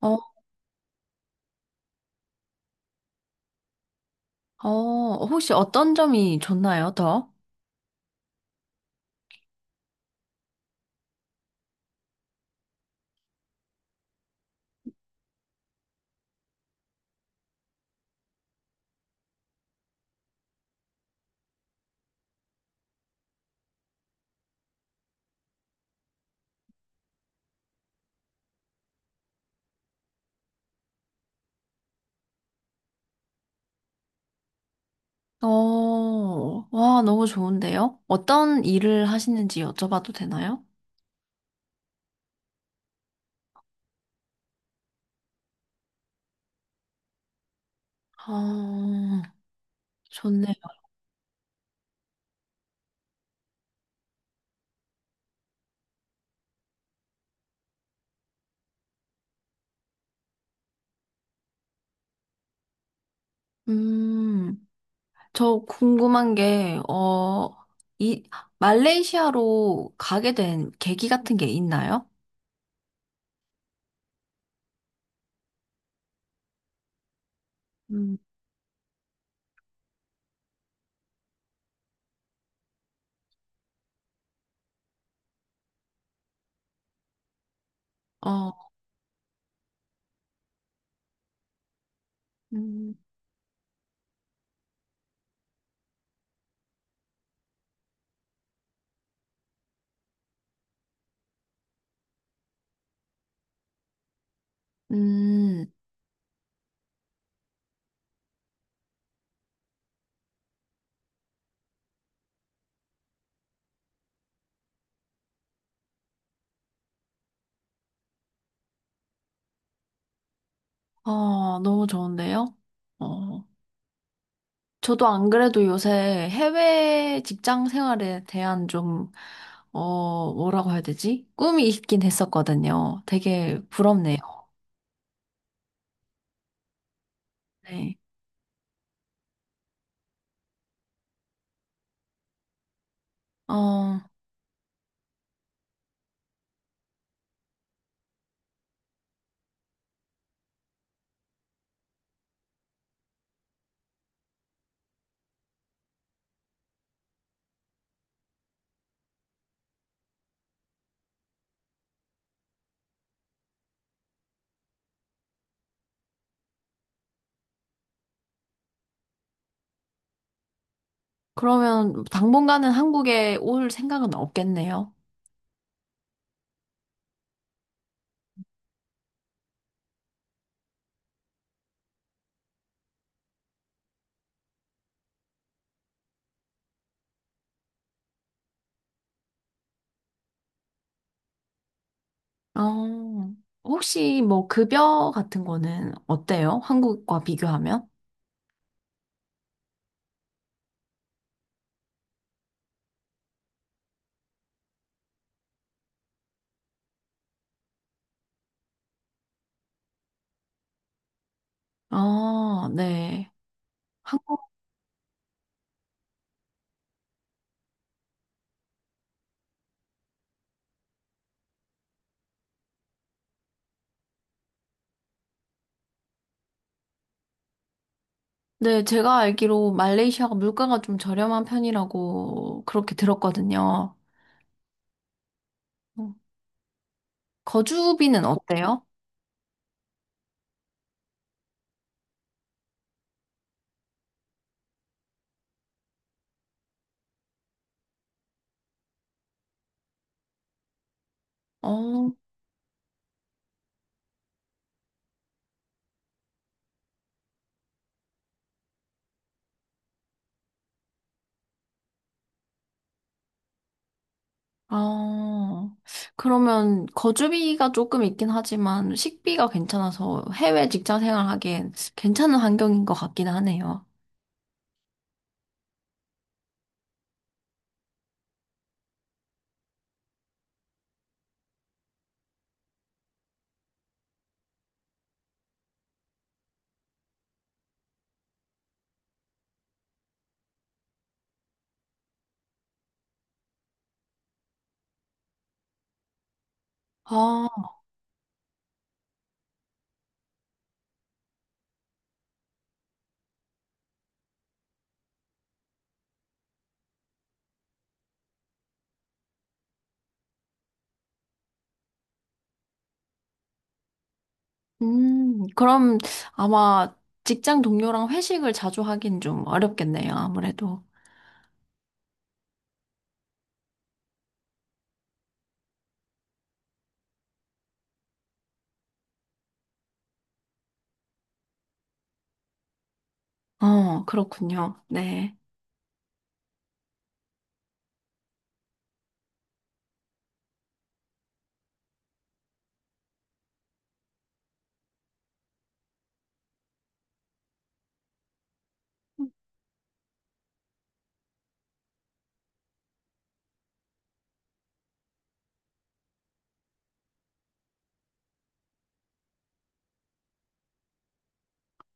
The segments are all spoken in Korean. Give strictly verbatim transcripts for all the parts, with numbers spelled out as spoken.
어, 어, 어, 혹시 어떤 점이 좋나요, 더? 어, 와, 너무 좋은데요? 어떤 일을 하시는지 여쭤봐도 되나요? 어, 좋네요. 음, 저 궁금한 게, 어, 이, 말레이시아로 가게 된 계기 같은 게 있나요? 음, 어, 음, 음, 어, 너무 좋은데요? 어, 저도 안 그래도 요새 해외 직장 생활에 대한 좀, 어, 뭐라고 해야 되지? 꿈이 있긴 했었거든요. 되게 부럽네요. 네. 어, 그러면 당분간은 한국에 올 생각은 없겠네요. 어, 혹시 뭐 급여 같은 거는 어때요? 한국과 비교하면? 아, 네. 한국, 네, 제가 알기로 말레이시아가 물가가 좀 저렴한 편이라고 그렇게 들었거든요. 어, 거주비는 어때요? 어, 아, 그러면 거주비가 조금 있긴 하지만 식비가 괜찮아서 해외 직장 생활하기엔 괜찮은 환경인 것 같긴 하네요. 아, 음, 그럼 아마 직장 동료랑 회식을 자주 하긴 좀 어렵겠네요, 아무래도. 어, 그렇군요. 네.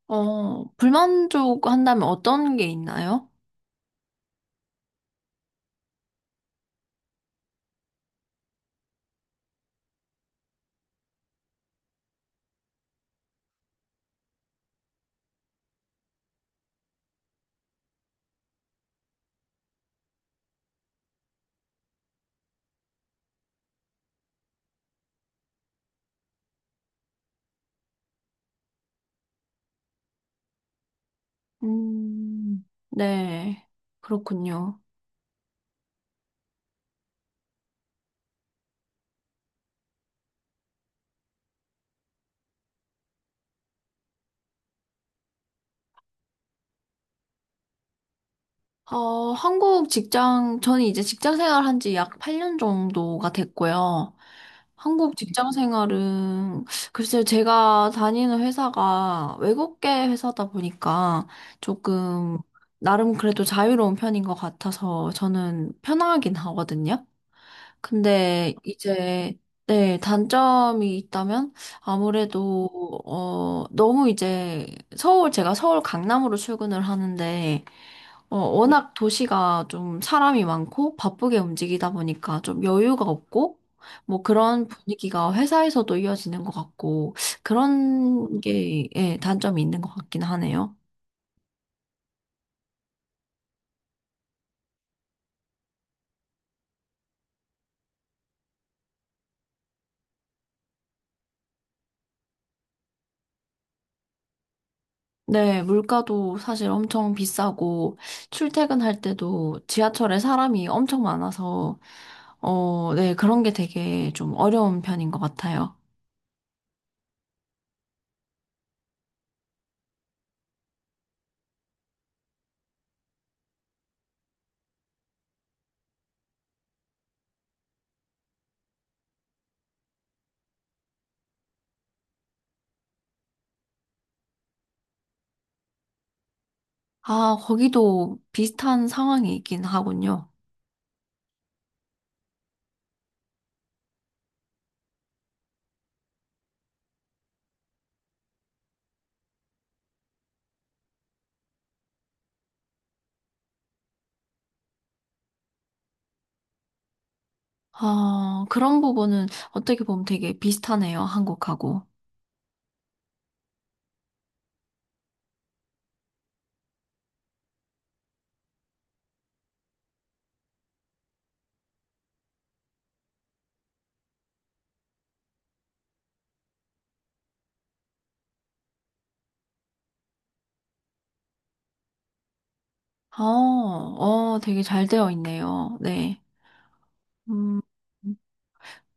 어, 불만족 한다면 어떤 게 있나요? 음, 네. 그렇군요. 어, 한국 직장, 저는 이제 직장 생활한 지 약 팔 년 정도가 됐고요. 한국 직장 생활은, 글쎄요, 제가 다니는 회사가 외국계 회사다 보니까 조금, 나름 그래도 자유로운 편인 것 같아서 저는 편하긴 하거든요. 근데 이제 네, 단점이 있다면 아무래도 어 너무 이제 서울 제가 서울 강남으로 출근을 하는데 어 워낙 도시가 좀 사람이 많고 바쁘게 움직이다 보니까 좀 여유가 없고 뭐 그런 분위기가 회사에서도 이어지는 것 같고 그런 게 예, 단점이 있는 것 같긴 하네요. 네, 물가도 사실 엄청 비싸고, 출퇴근할 때도 지하철에 사람이 엄청 많아서, 어, 네, 그런 게 되게 좀 어려운 편인 것 같아요. 아, 거기도 비슷한 상황이 있긴 하군요. 아, 그런 부분은 어떻게 보면 되게 비슷하네요, 한국하고. 어, 어, 되게 잘 되어 있네요. 네. 음.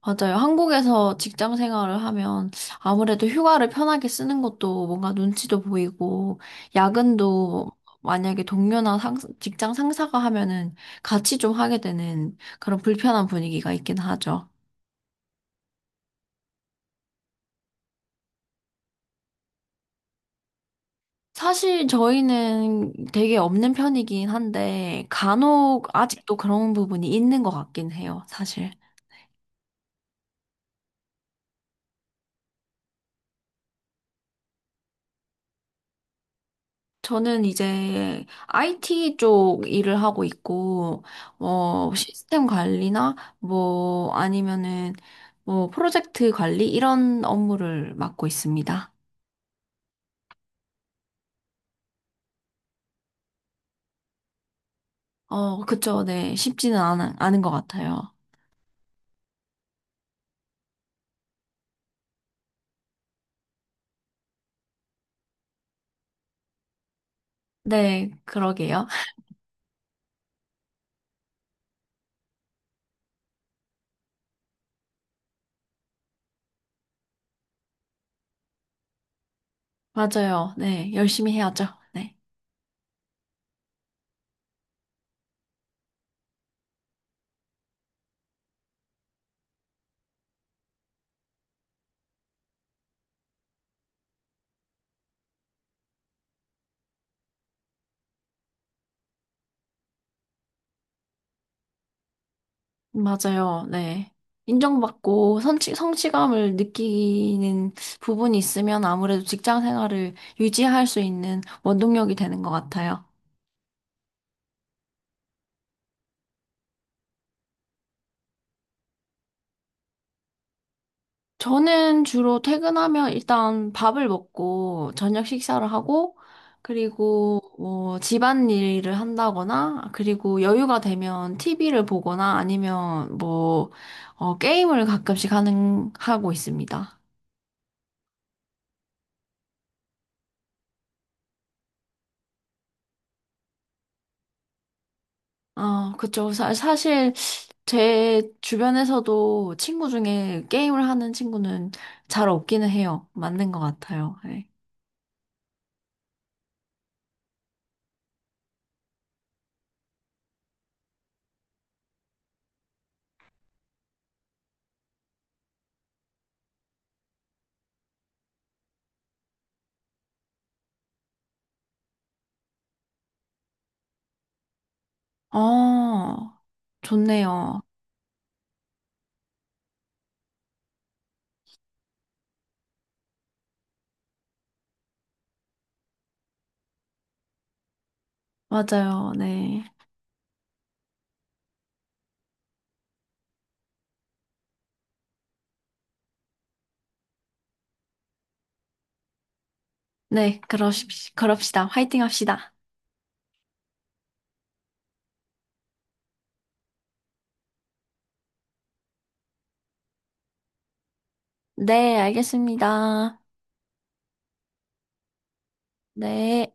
맞아요. 한국에서 직장 생활을 하면 아무래도 휴가를 편하게 쓰는 것도 뭔가 눈치도 보이고, 야근도 만약에 동료나 상, 직장 상사가 하면은 같이 좀 하게 되는 그런 불편한 분위기가 있긴 하죠. 사실 저희는 되게 없는 편이긴 한데, 간혹 아직도 그런 부분이 있는 것 같긴 해요, 사실. 저는 이제 아이티 쪽 일을 하고 있고, 어, 시스템 관리나, 뭐, 아니면은, 뭐, 프로젝트 관리, 이런 업무를 맡고 있습니다. 어, 그쵸. 네. 쉽지는 않, 않은 것 같아요. 네, 그러게요. 맞아요. 네. 열심히 해야죠. 네. 맞아요. 네. 인정받고 성취, 성취감을 느끼는 부분이 있으면 아무래도 직장 생활을 유지할 수 있는 원동력이 되는 것 같아요. 저는 주로 퇴근하면 일단 밥을 먹고 저녁 식사를 하고 그리고 뭐 집안일을 한다거나 그리고 여유가 되면 티비를 보거나 아니면 뭐 어, 게임을 가끔씩 하는 하고 있습니다. 아 그쵸. 사, 사실 제 주변에서도 친구 중에 게임을 하는 친구는 잘 없기는 해요. 맞는 것 같아요. 네. 어, 좋네요. 맞아요. 네. 네, 그러십시, 그럽시다. 화이팅 합시다. 네, 알겠습니다. 네.